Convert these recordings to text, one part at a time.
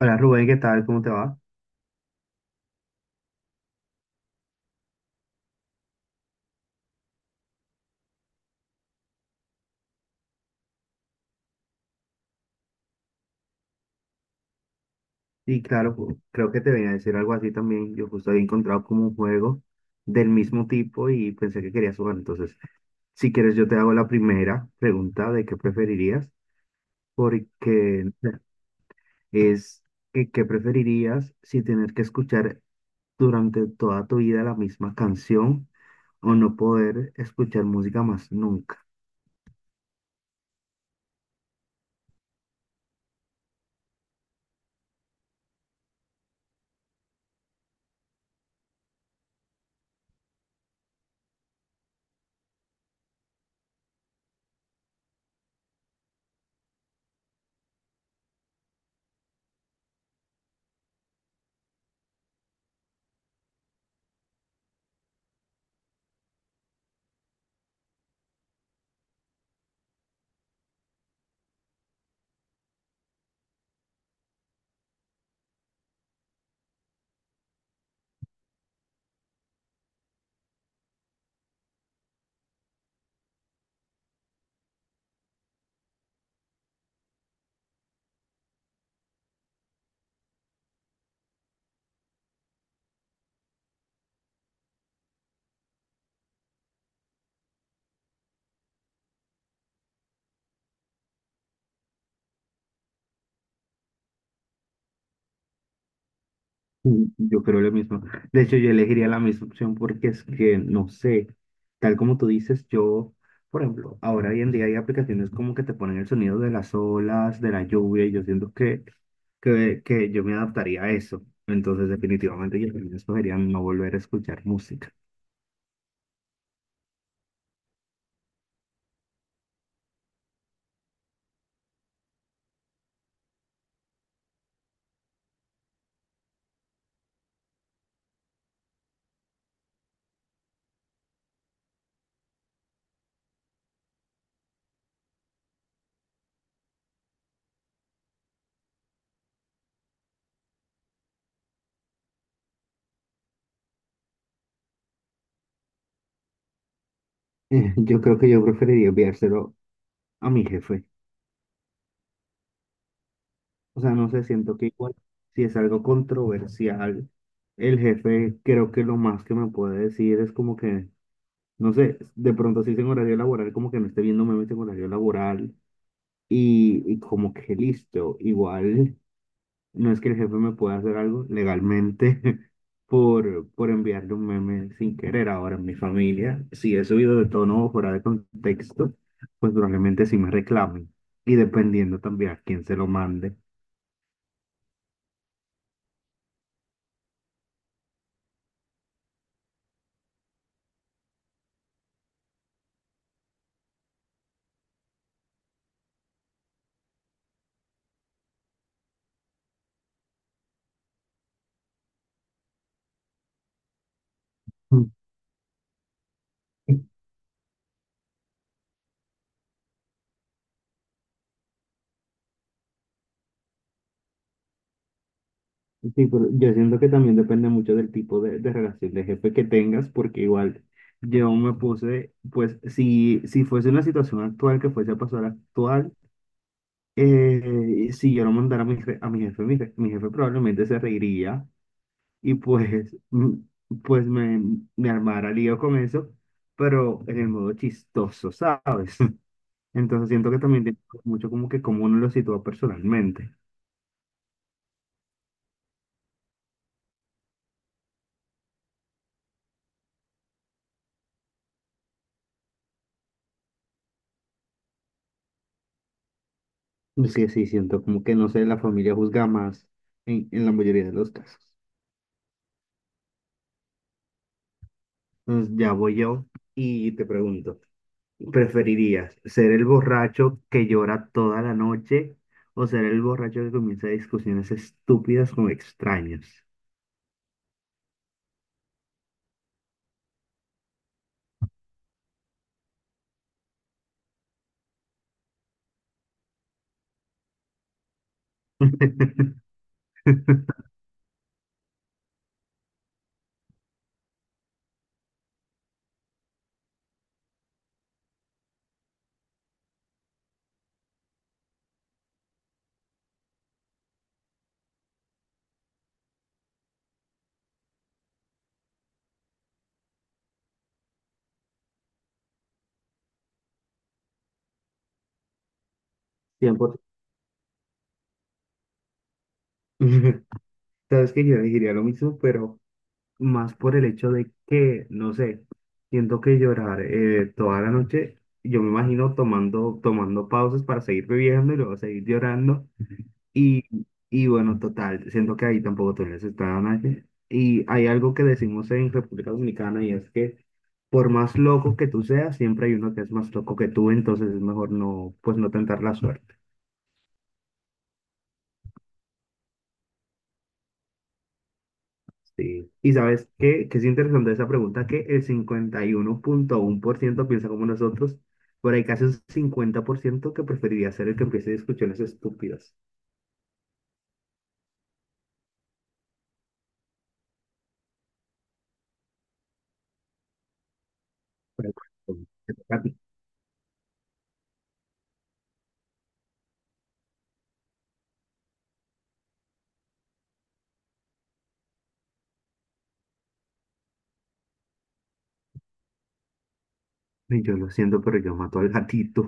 Hola Rubén, ¿qué tal? ¿Cómo te va? Y claro, creo que te venía a decir algo así también. Yo justo había encontrado como un juego del mismo tipo y pensé que querías jugar. Entonces, si quieres, yo te hago la primera pregunta de qué preferirías, porque es que, qué preferirías si tener que escuchar durante toda tu vida la misma canción o no poder escuchar música más nunca. Sí, yo creo lo mismo. De hecho, yo elegiría la misma opción porque es que, no sé, tal como tú dices, yo, por ejemplo, ahora hoy en día hay aplicaciones como que te ponen el sonido de las olas, de la lluvia, y yo siento que yo me adaptaría a eso. Entonces, definitivamente yo también escogería no volver a escuchar música. Yo creo que yo preferiría enviárselo a mi jefe. O sea, no sé, siento que igual, si es algo controversial, el jefe creo que lo más que me puede decir es como que... No sé, de pronto si es en horario laboral, como que no esté viendo memes en horario laboral y como que listo, igual no es que el jefe me pueda hacer algo legalmente por enviarle un meme sin querer ahora en mi familia. Si he subido de tono o fuera de contexto, pues probablemente sí me reclamen y dependiendo también a quién se lo mande. Sí, pero yo siento que también depende mucho del tipo de relación de jefe que tengas, porque igual yo me puse, pues si, si fuese una situación actual que fuese a pasar actual, si yo lo mandara a a mi jefe, mi jefe probablemente se reiría y pues, pues me armara lío con eso, pero en el modo chistoso, ¿sabes? Entonces siento que también tiene mucho como que cómo uno lo sitúa personalmente. Pues sí, sí, siento como que no sé, la familia juzga más en la mayoría de los casos. Entonces, ya voy yo y te pregunto, ¿preferirías ser el borracho que llora toda la noche o ser el borracho que comienza discusiones estúpidas con extraños? Tiempo. Sabes que yo elegiría lo mismo, pero más por el hecho de que, no sé, siento que llorar toda la noche, yo me imagino tomando, tomando pausas para seguir bebiendo y luego seguir llorando. Y, y bueno, total, siento que ahí tampoco todavía se está dando nadie. Y hay algo que decimos en República Dominicana y es que por más loco que tú seas, siempre hay uno que es más loco que tú, entonces es mejor no, pues no tentar la suerte. Sí. Y sabes qué, que es interesante esa pregunta, que el cincuenta y uno punto uno por ciento piensa como nosotros, pero hay casi un 50% que preferiría ser el que empiece discusiones estúpidas. Pero, yo lo siento, pero yo mato al gatito.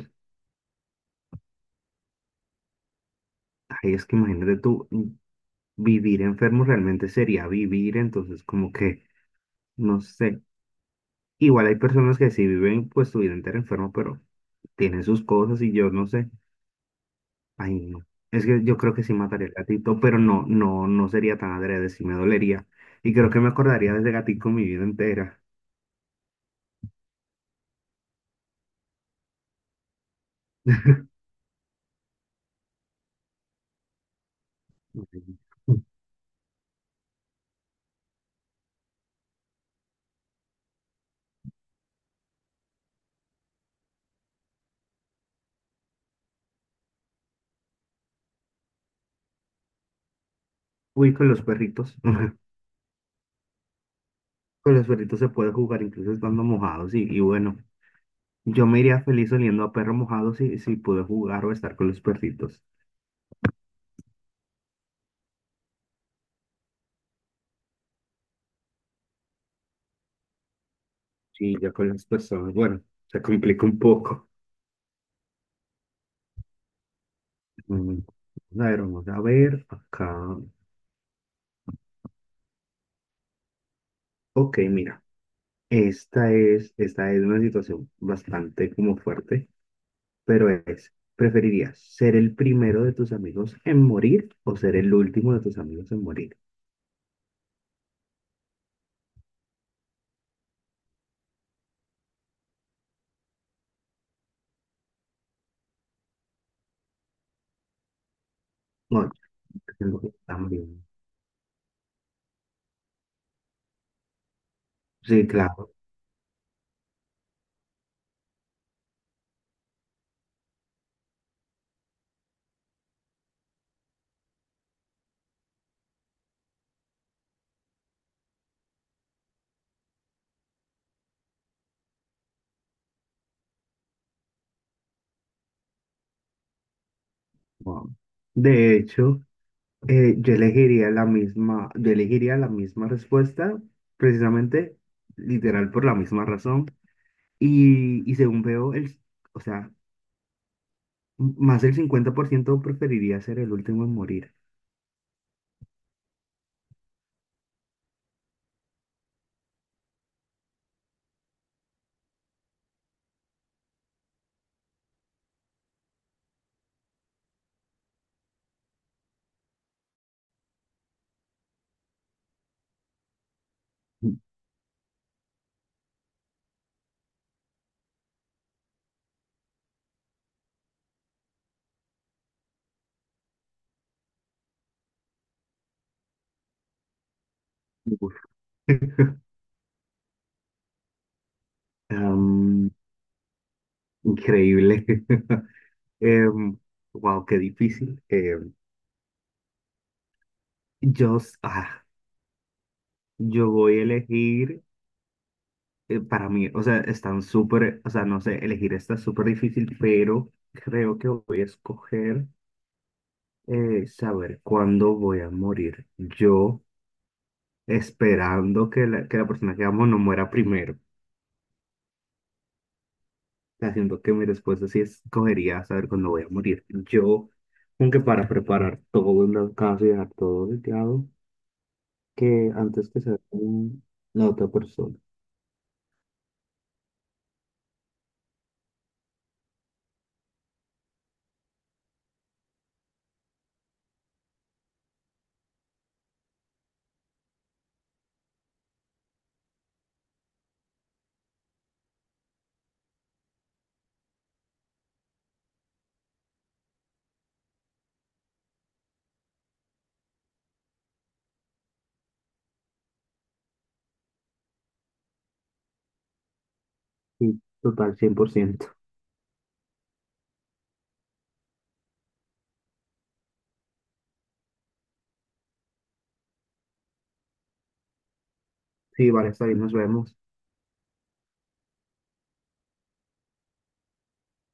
Ay, es que imagínate tú, vivir enfermo realmente sería vivir, entonces como que, no sé. Igual hay personas que sí viven pues su vida entera enfermo, pero tienen sus cosas y yo no sé. Ay, no. Es que yo creo que sí mataría al gatito, pero no, no, no sería tan adrede, sí me dolería. Y creo que me acordaría de ese gatito mi vida entera. Ay. Uy, con los perritos. Con los perritos se puede jugar incluso estando mojados. Y bueno, yo me iría feliz oliendo a perro mojado si, si pude jugar o estar con los perritos. Sí, ya con las personas. Bueno, se complica un poco. Mm. A ver, vamos a ver acá. Ok, mira. Esta es una situación bastante como fuerte, pero es, ¿preferirías ser el primero de tus amigos en morir o ser el último de tus amigos en morir? No, yo creo que también. Sí, claro. Wow. De hecho, yo elegiría la misma, yo elegiría la misma respuesta, precisamente, literal, por la misma razón. Y según veo, o sea, más del 50% preferiría ser el último en morir. Uf. Am, increíble. Em, wow, qué difícil. Yo, yo voy a elegir, para mí, o sea, están súper, o sea, no sé, elegir está súper difícil, pero creo que voy a escoger saber cuándo voy a morir. Yo esperando que que la persona que amo no muera primero. Haciendo que mi respuesta sí escogería saber cuándo voy a morir. Yo, aunque para preparar todo en la casa y dejar todo dedicado, que antes que sea la otra persona. Sí, total, 100%. Sí, vale, está bien, nos vemos.